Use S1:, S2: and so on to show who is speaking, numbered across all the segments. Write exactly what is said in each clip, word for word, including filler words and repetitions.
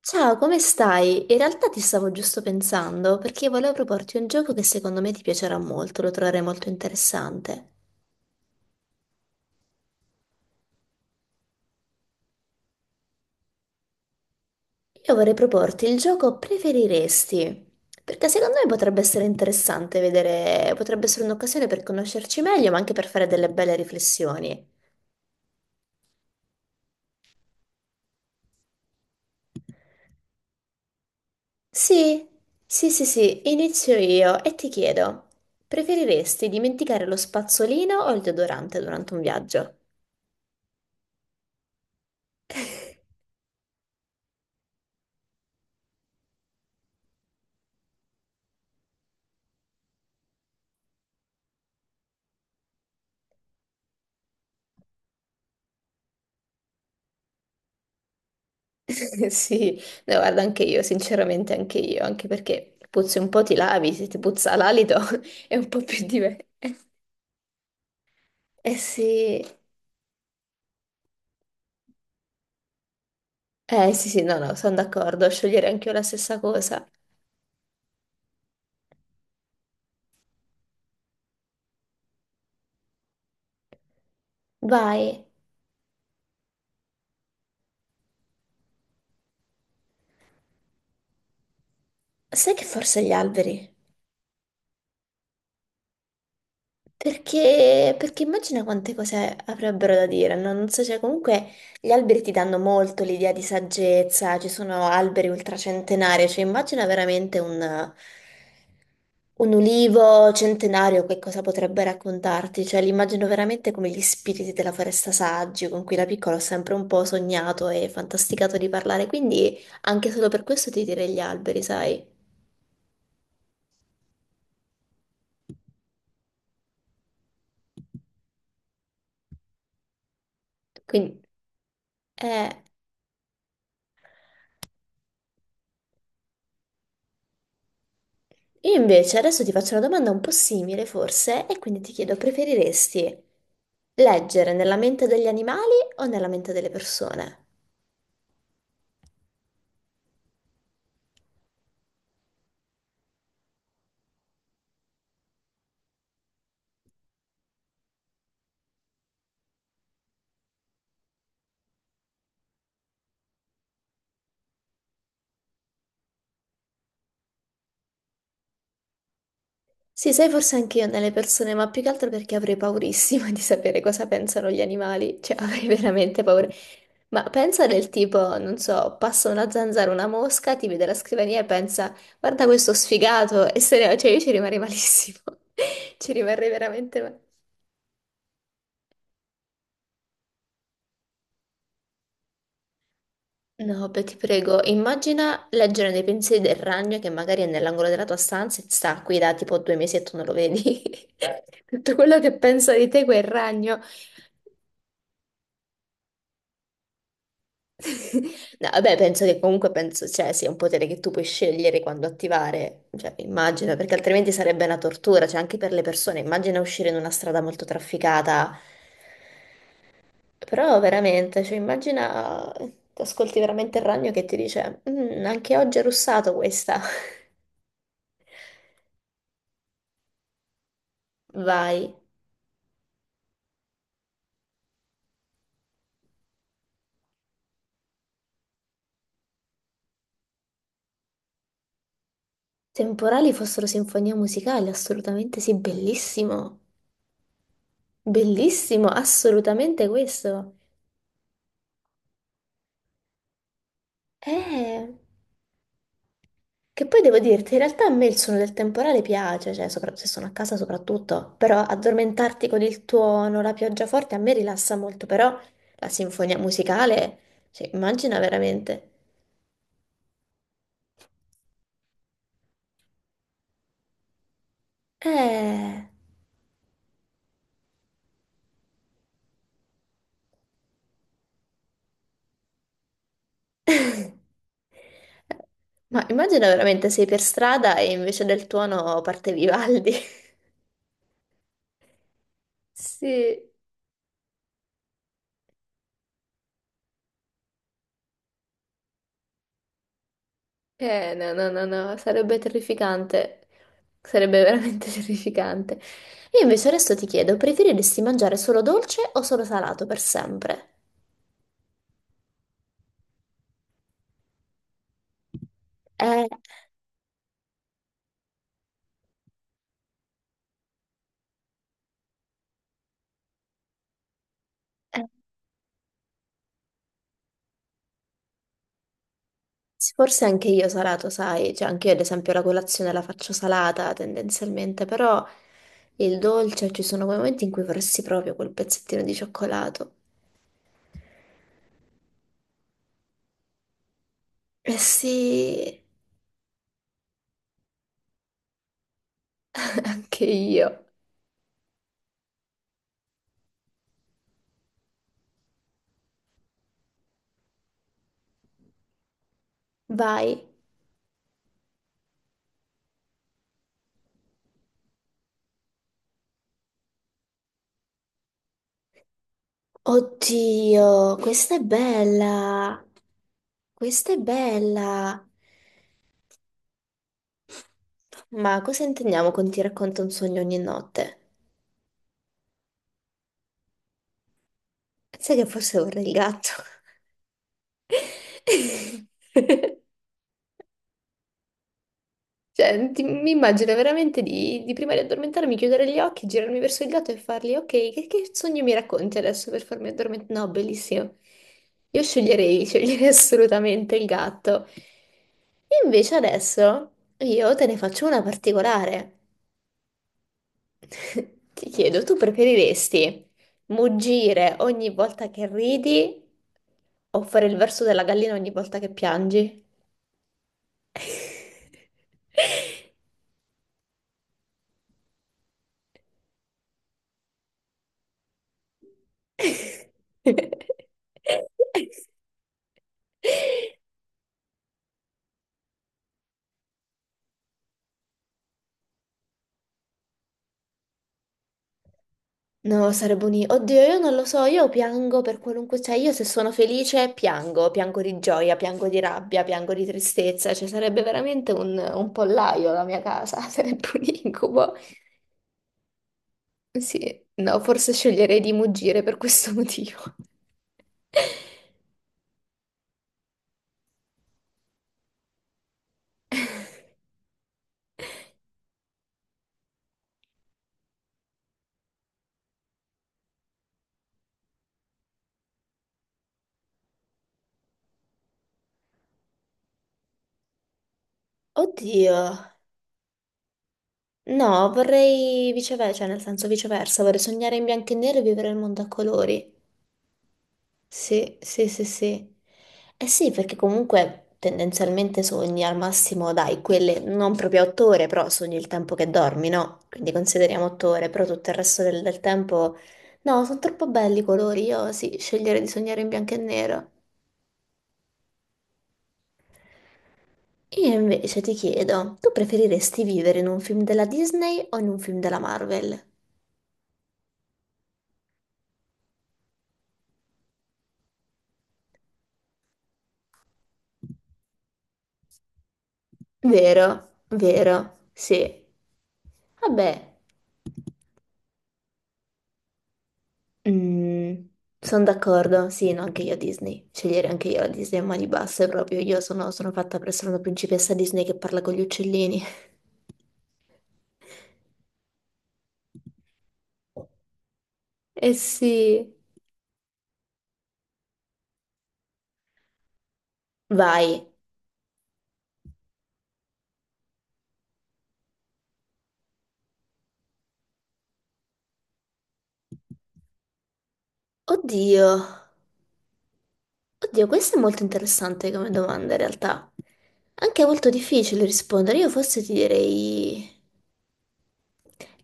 S1: Ciao, come stai? In realtà ti stavo giusto pensando perché volevo proporti un gioco che secondo me ti piacerà molto, lo troverai molto interessante. Io vorrei proporti il gioco Preferiresti, perché secondo me potrebbe essere interessante vedere, potrebbe essere un'occasione per conoscerci meglio, ma anche per fare delle belle riflessioni. Sì, sì, sì, sì, inizio io e ti chiedo, preferiresti dimenticare lo spazzolino o il deodorante durante un viaggio? Sì, no, guarda anche io, sinceramente anche io, anche perché puzzi un po' ti lavi, se ti puzza l'alito è un po' più diverso. Eh sì, eh sì sì, no no, sono d'accordo, scegliere anche io la stessa cosa. Vai. Sai che forse gli alberi? Perché, perché immagina quante cose avrebbero da dire, no? Non so, cioè comunque gli alberi ti danno molto l'idea di saggezza, ci sono alberi ultracentenari, cioè immagina veramente un. Un ulivo centenario, che cosa potrebbe raccontarti? Cioè, li immagino veramente come gli spiriti della foresta saggi, con cui da piccola ho sempre un po' sognato e fantasticato di parlare, quindi anche solo per questo ti direi gli alberi, sai? Quindi, eh, io invece adesso ti faccio una domanda un po' simile, forse, e quindi ti chiedo, preferiresti leggere nella mente degli animali o nella mente delle persone? Sì, sai, forse anche io nelle persone, ma più che altro perché avrei paurissima di sapere cosa pensano gli animali, cioè avrei veramente paura. Ma pensa del tipo, non so, passa una zanzara, una mosca, ti vede la scrivania e pensa, guarda questo sfigato, e se ne va, cioè io ci rimarrei malissimo, ci rimarrei veramente male. No, beh, ti prego, immagina leggere nei pensieri del ragno che magari è nell'angolo della tua stanza e sta qui da tipo due mesi e tu non lo vedi. Tutto quello che pensa di te quel ragno. No, vabbè, penso che comunque penso, cioè, sia un potere che tu puoi scegliere quando attivare, cioè, immagino, perché altrimenti sarebbe una tortura, cioè, anche per le persone, immagina uscire in una strada molto trafficata, però veramente, cioè, immagina, ascolti veramente il ragno che ti dice, "Mm, anche oggi è russato questa". Vai. Temporali fossero sinfonia musicale, assolutamente sì, bellissimo, bellissimo, assolutamente questo. Eh. Che poi devo dirti, in realtà a me il suono del temporale piace, cioè sopra- se sono a casa soprattutto, però addormentarti con il tuono, la pioggia forte a me rilassa molto, però la sinfonia musicale, cioè, immagina veramente. Eh. Ma immagina veramente sei per strada e invece del tuono parte Vivaldi. Sì. Eh, no, no, no, no, sarebbe terrificante. Sarebbe veramente terrificante. Io invece adesso ti chiedo, preferiresti mangiare solo dolce o solo salato per sempre? Eh, eh, forse anche io salato, sai, cioè anche io ad esempio la colazione la faccio salata tendenzialmente, però il dolce ci sono quei momenti in cui vorresti proprio quel pezzettino di cioccolato. Eh sì, anche io. Vai. Oddio, questa è bella. Questa è bella. Ma cosa intendiamo con ti racconto un sogno ogni notte? Sai che forse vorrei il gatto. Cioè, ti- mi immagino veramente di, di prima di addormentarmi, chiudere gli occhi, girarmi verso il gatto e fargli, ok, che, che sogno mi racconti adesso per farmi addormentare? No, bellissimo. Io sceglierei, sceglierei assolutamente il gatto. Invece adesso io te ne faccio una particolare. Ti chiedo, tu preferiresti muggire ogni volta che ridi o fare il verso della gallina ogni volta che piangi? No, sarebbe un. Oddio, io non lo so, io piango per qualunque. Cioè, io se sono felice piango, piango di gioia, piango di rabbia, piango di tristezza, cioè sarebbe veramente un, un, pollaio la mia casa, sarebbe un incubo. Sì, no, forse sceglierei di muggire per questo motivo. Oddio. No, vorrei viceversa, cioè nel senso viceversa, vorrei sognare in bianco e nero e vivere il mondo a colori. Sì, sì, sì, sì. Eh sì, perché comunque tendenzialmente sogni al massimo, dai, quelle non proprio otto ore, però sogni il tempo che dormi, no? Quindi consideriamo otto ore, però tutto il resto del, del tempo. No, sono troppo belli i colori, io sì, sceglierei di sognare in bianco e nero. Io invece ti chiedo, tu preferiresti vivere in un film della Disney o in un film della Marvel? Vero, vero, sì. Vabbè, sono d'accordo, sì, no, anche io Disney. Scegliere anche io la Disney a mani basse proprio. Io sono, sono fatta per essere una principessa Disney che parla con gli uccellini. Eh sì. Vai. Oddio. Oddio, questa è molto interessante come domanda in realtà. Anche molto difficile rispondere. Io forse ti direi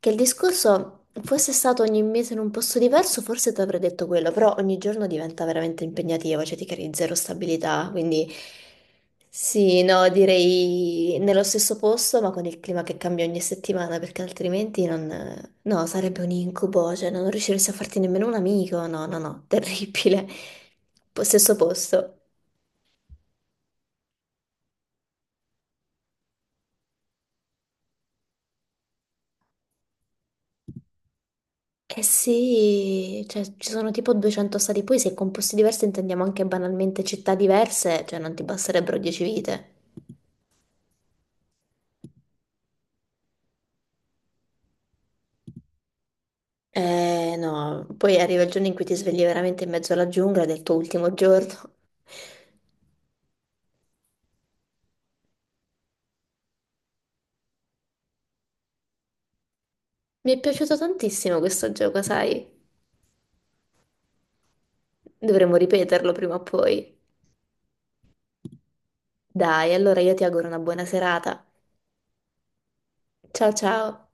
S1: che il discorso fosse stato ogni mese in un posto diverso, forse ti avrei detto quello, però ogni giorno diventa veramente impegnativo, cioè ti crei zero stabilità, quindi sì, no, direi nello stesso posto, ma con il clima che cambia ogni settimana, perché altrimenti non... No, sarebbe un incubo, cioè non riusciresti a farti nemmeno un amico, no, no, no, terribile. Po- Stesso posto. Eh sì, cioè ci sono tipo duecento stati, poi se con posti diversi intendiamo anche banalmente città diverse, cioè non ti basterebbero dieci vite. Eh no, poi arriva il giorno in cui ti svegli veramente in mezzo alla giungla del tuo ultimo giorno. Mi è piaciuto tantissimo questo gioco, sai? Dovremmo ripeterlo prima o poi. Dai, allora io ti auguro una buona serata. Ciao ciao!